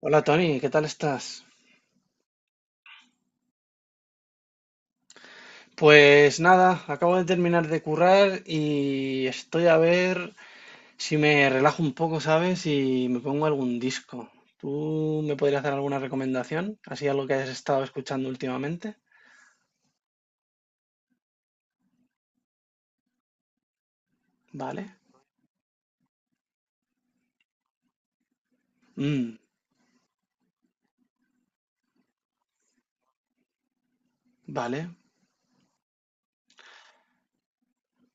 Hola Tony, ¿qué tal estás? Pues nada, acabo de terminar de currar y estoy a ver si me relajo un poco, ¿sabes? Y me pongo algún disco. ¿Tú me podrías dar alguna recomendación? ¿Así algo que hayas estado escuchando últimamente? Vale. Mm, vale.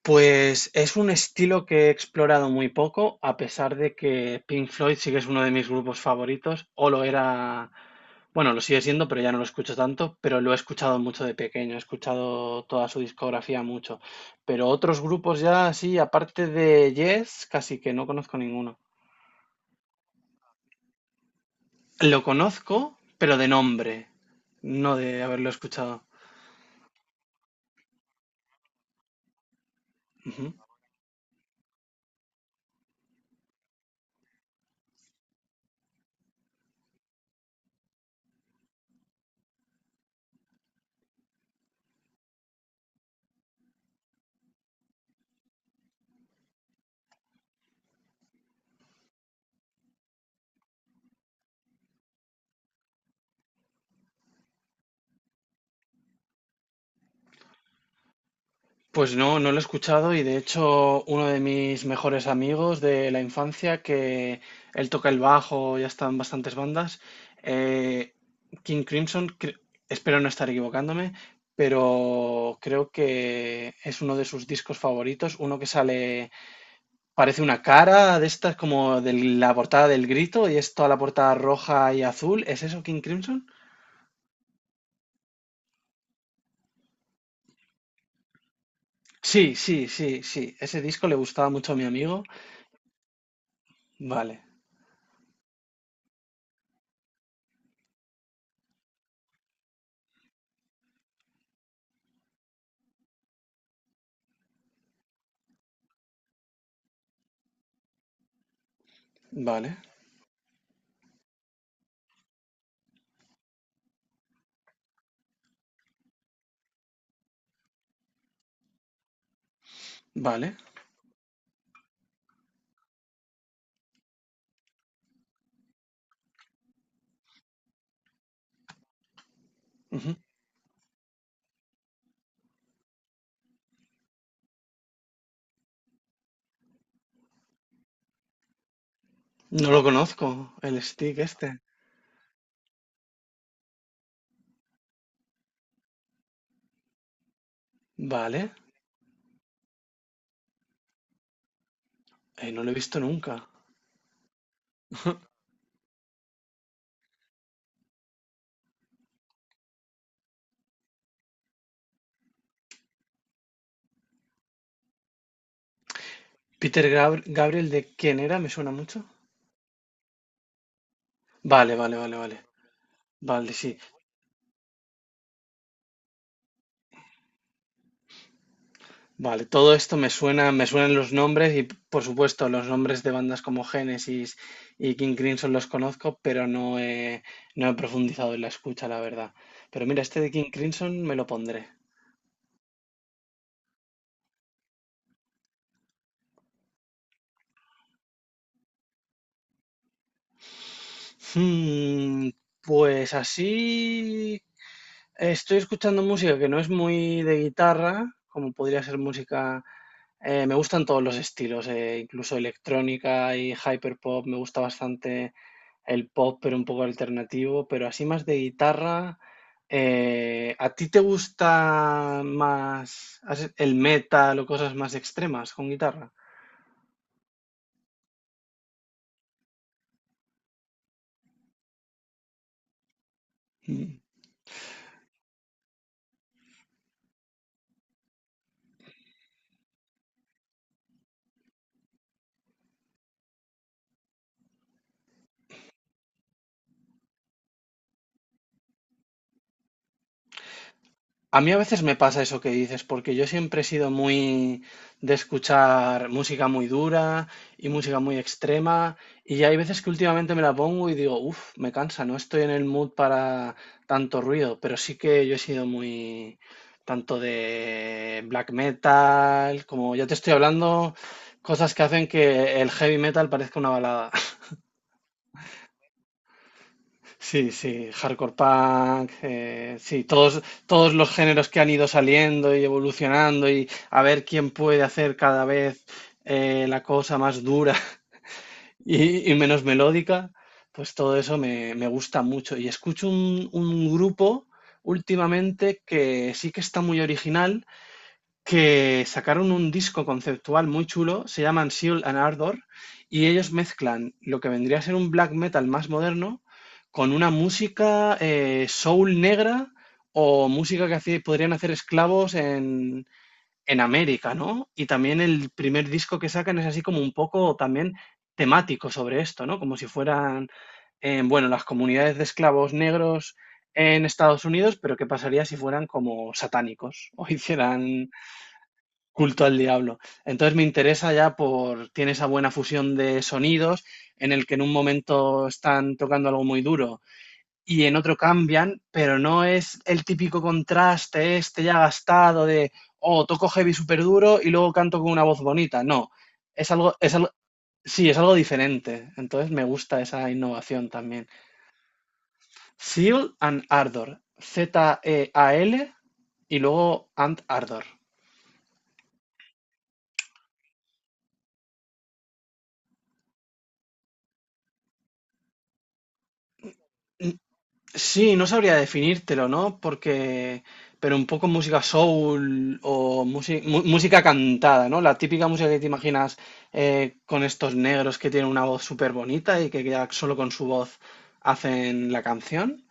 Pues es un estilo que he explorado muy poco, a pesar de que Pink Floyd sí que es uno de mis grupos favoritos, o lo era. Bueno, lo sigue siendo, pero ya no lo escucho tanto, pero lo he escuchado mucho de pequeño, he escuchado toda su discografía mucho. Pero otros grupos ya así, aparte de Yes, casi que no conozco ninguno. Lo conozco, pero de nombre, no de haberlo escuchado. Pues no, no lo he escuchado, y de hecho uno de mis mejores amigos de la infancia, que él toca el bajo, ya está en bastantes bandas, eh, King Crimson, espero no estar equivocándome, pero creo que es uno de sus discos favoritos, uno que sale, parece una cara de estas como de la portada del Grito y es toda la portada roja y azul, ¿es eso King Crimson? Sí, sí, sí, sí, ese disco le gustaba mucho a mi amigo. Vale, vale, vale. Ujú. No lo conozco, el stick este. Vale, no lo he visto nunca. Peter Gabriel, ¿de quién era? Me suena mucho. Vale, vale, vale, vale. Vale, sí. Vale, todo esto me suena, me suenan los nombres y por supuesto los nombres de bandas como Genesis y King Crimson los conozco, pero no he profundizado en la escucha, la verdad. Pero mira, este de King Crimson me lo pondré. Hmm, pues así estoy escuchando música que no es muy de guitarra, como podría ser música... me gustan todos los estilos, incluso electrónica y hyperpop. Me gusta bastante el pop, pero un poco alternativo. Pero así más de guitarra. ¿A ti te gusta más el metal o cosas más extremas con guitarra? A mí a veces me pasa eso que dices, porque yo siempre he sido muy de escuchar música muy dura y música muy extrema, y hay veces que últimamente me la pongo y digo, uff, me cansa, no estoy en el mood para tanto ruido, pero sí que yo he sido muy tanto de black metal, como ya te estoy hablando, cosas que hacen que el heavy metal parezca una balada. Sí, sí, hardcore punk, sí, todos, todos los géneros que han ido saliendo y evolucionando y a ver quién puede hacer cada vez la cosa más dura y menos melódica, pues todo eso me gusta mucho. Y escucho un grupo últimamente que sí que está muy original, que sacaron un disco conceptual muy chulo, se llaman Seal and Ardor, y ellos mezclan lo que vendría a ser un black metal más moderno con una música soul negra o música que podrían hacer esclavos en América, ¿no? Y también el primer disco que sacan es así como un poco también temático sobre esto, ¿no? Como si fueran, bueno, las comunidades de esclavos negros en Estados Unidos, pero qué pasaría si fueran como satánicos o hicieran culto al diablo. Entonces me interesa ya por, tiene esa buena fusión de sonidos en el que en un momento están tocando algo muy duro y en otro cambian, pero no es el típico contraste este ya gastado de, oh, toco heavy súper duro y luego canto con una voz bonita. No, es algo, sí, es algo diferente. Entonces me gusta esa innovación también. Zeal and Ardor, Z-E-A-L y luego and Ardor. Sí, no sabría definírtelo, ¿no? Porque, pero un poco música soul o música cantada, ¿no? La típica música que te imaginas con estos negros que tienen una voz súper bonita y que ya solo con su voz hacen la canción.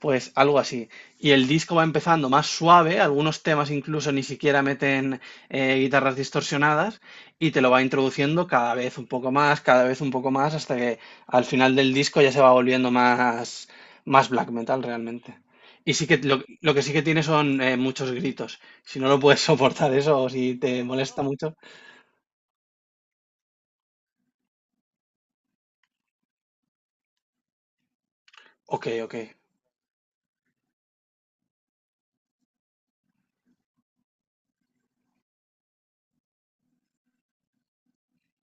Pues algo así. Y el disco va empezando más suave, algunos temas incluso ni siquiera meten guitarras distorsionadas, y te lo va introduciendo cada vez un poco más, cada vez un poco más, hasta que al final del disco ya se va volviendo más, más black metal realmente. Y sí que lo que sí que tiene son muchos gritos. Si no lo puedes soportar eso o si te molesta mucho. Ok, ok.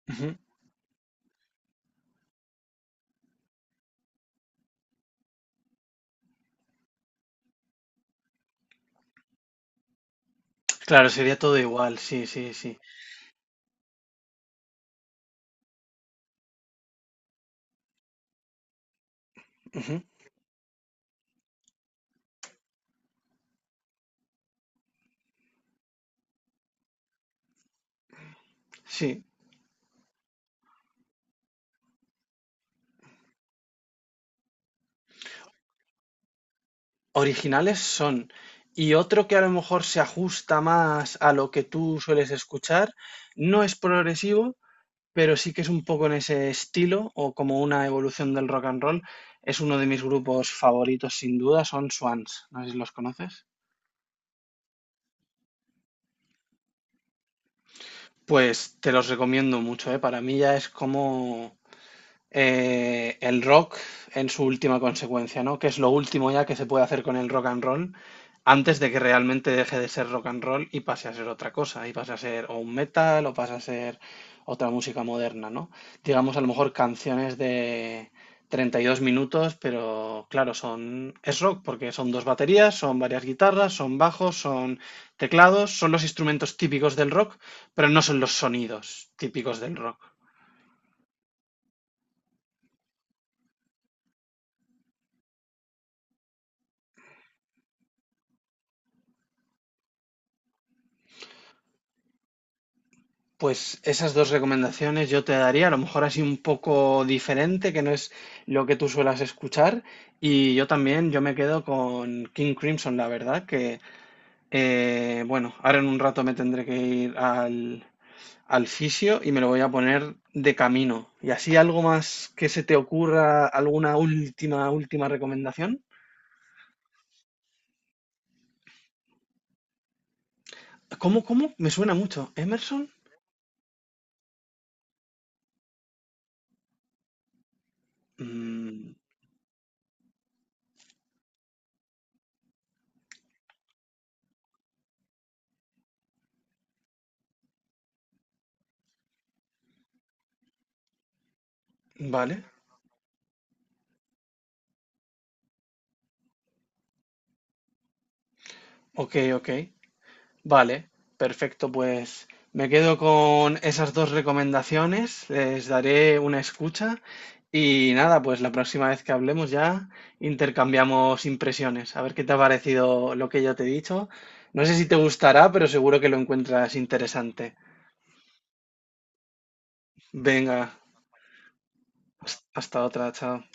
Ujú. Claro, sería todo igual, sí, sí, sí. Ujú, sí. Originales son. Y otro que a lo mejor se ajusta más a lo que tú sueles escuchar, no es progresivo, pero sí que es un poco en ese estilo o como una evolución del rock and roll. Es uno de mis grupos favoritos sin duda, son Swans. No sé si los conoces. Pues te los recomiendo mucho, ¿eh? Para mí ya es como el rock en su última consecuencia, ¿no? Que es lo último ya que se puede hacer con el rock and roll antes de que realmente deje de ser rock and roll y pase a ser otra cosa, y pase a ser o un metal o pase a ser otra música moderna, ¿no? Digamos a lo mejor canciones de 32 minutos, pero claro, son es rock porque son dos baterías, son varias guitarras, son bajos, son teclados, son los instrumentos típicos del rock, pero no son los sonidos típicos del rock. Pues esas dos recomendaciones yo te daría, a lo mejor así un poco diferente, que no es lo que tú suelas escuchar. Y yo también, yo me quedo con King Crimson, la verdad, que bueno, ahora en un rato me tendré que ir al fisio y me lo voy a poner de camino. ¿Y así algo más que se te ocurra, alguna última, última recomendación? ¿Cómo, cómo? Me suena mucho. ¿Emerson? Mm, vale, ok, ok. Vale, perfecto. Pues me quedo con esas dos recomendaciones, les daré una escucha y nada, pues la próxima vez que hablemos ya intercambiamos impresiones, a ver qué te ha parecido lo que yo te he dicho. No sé si te gustará, pero seguro que lo encuentras interesante. Venga, hasta otra, chao.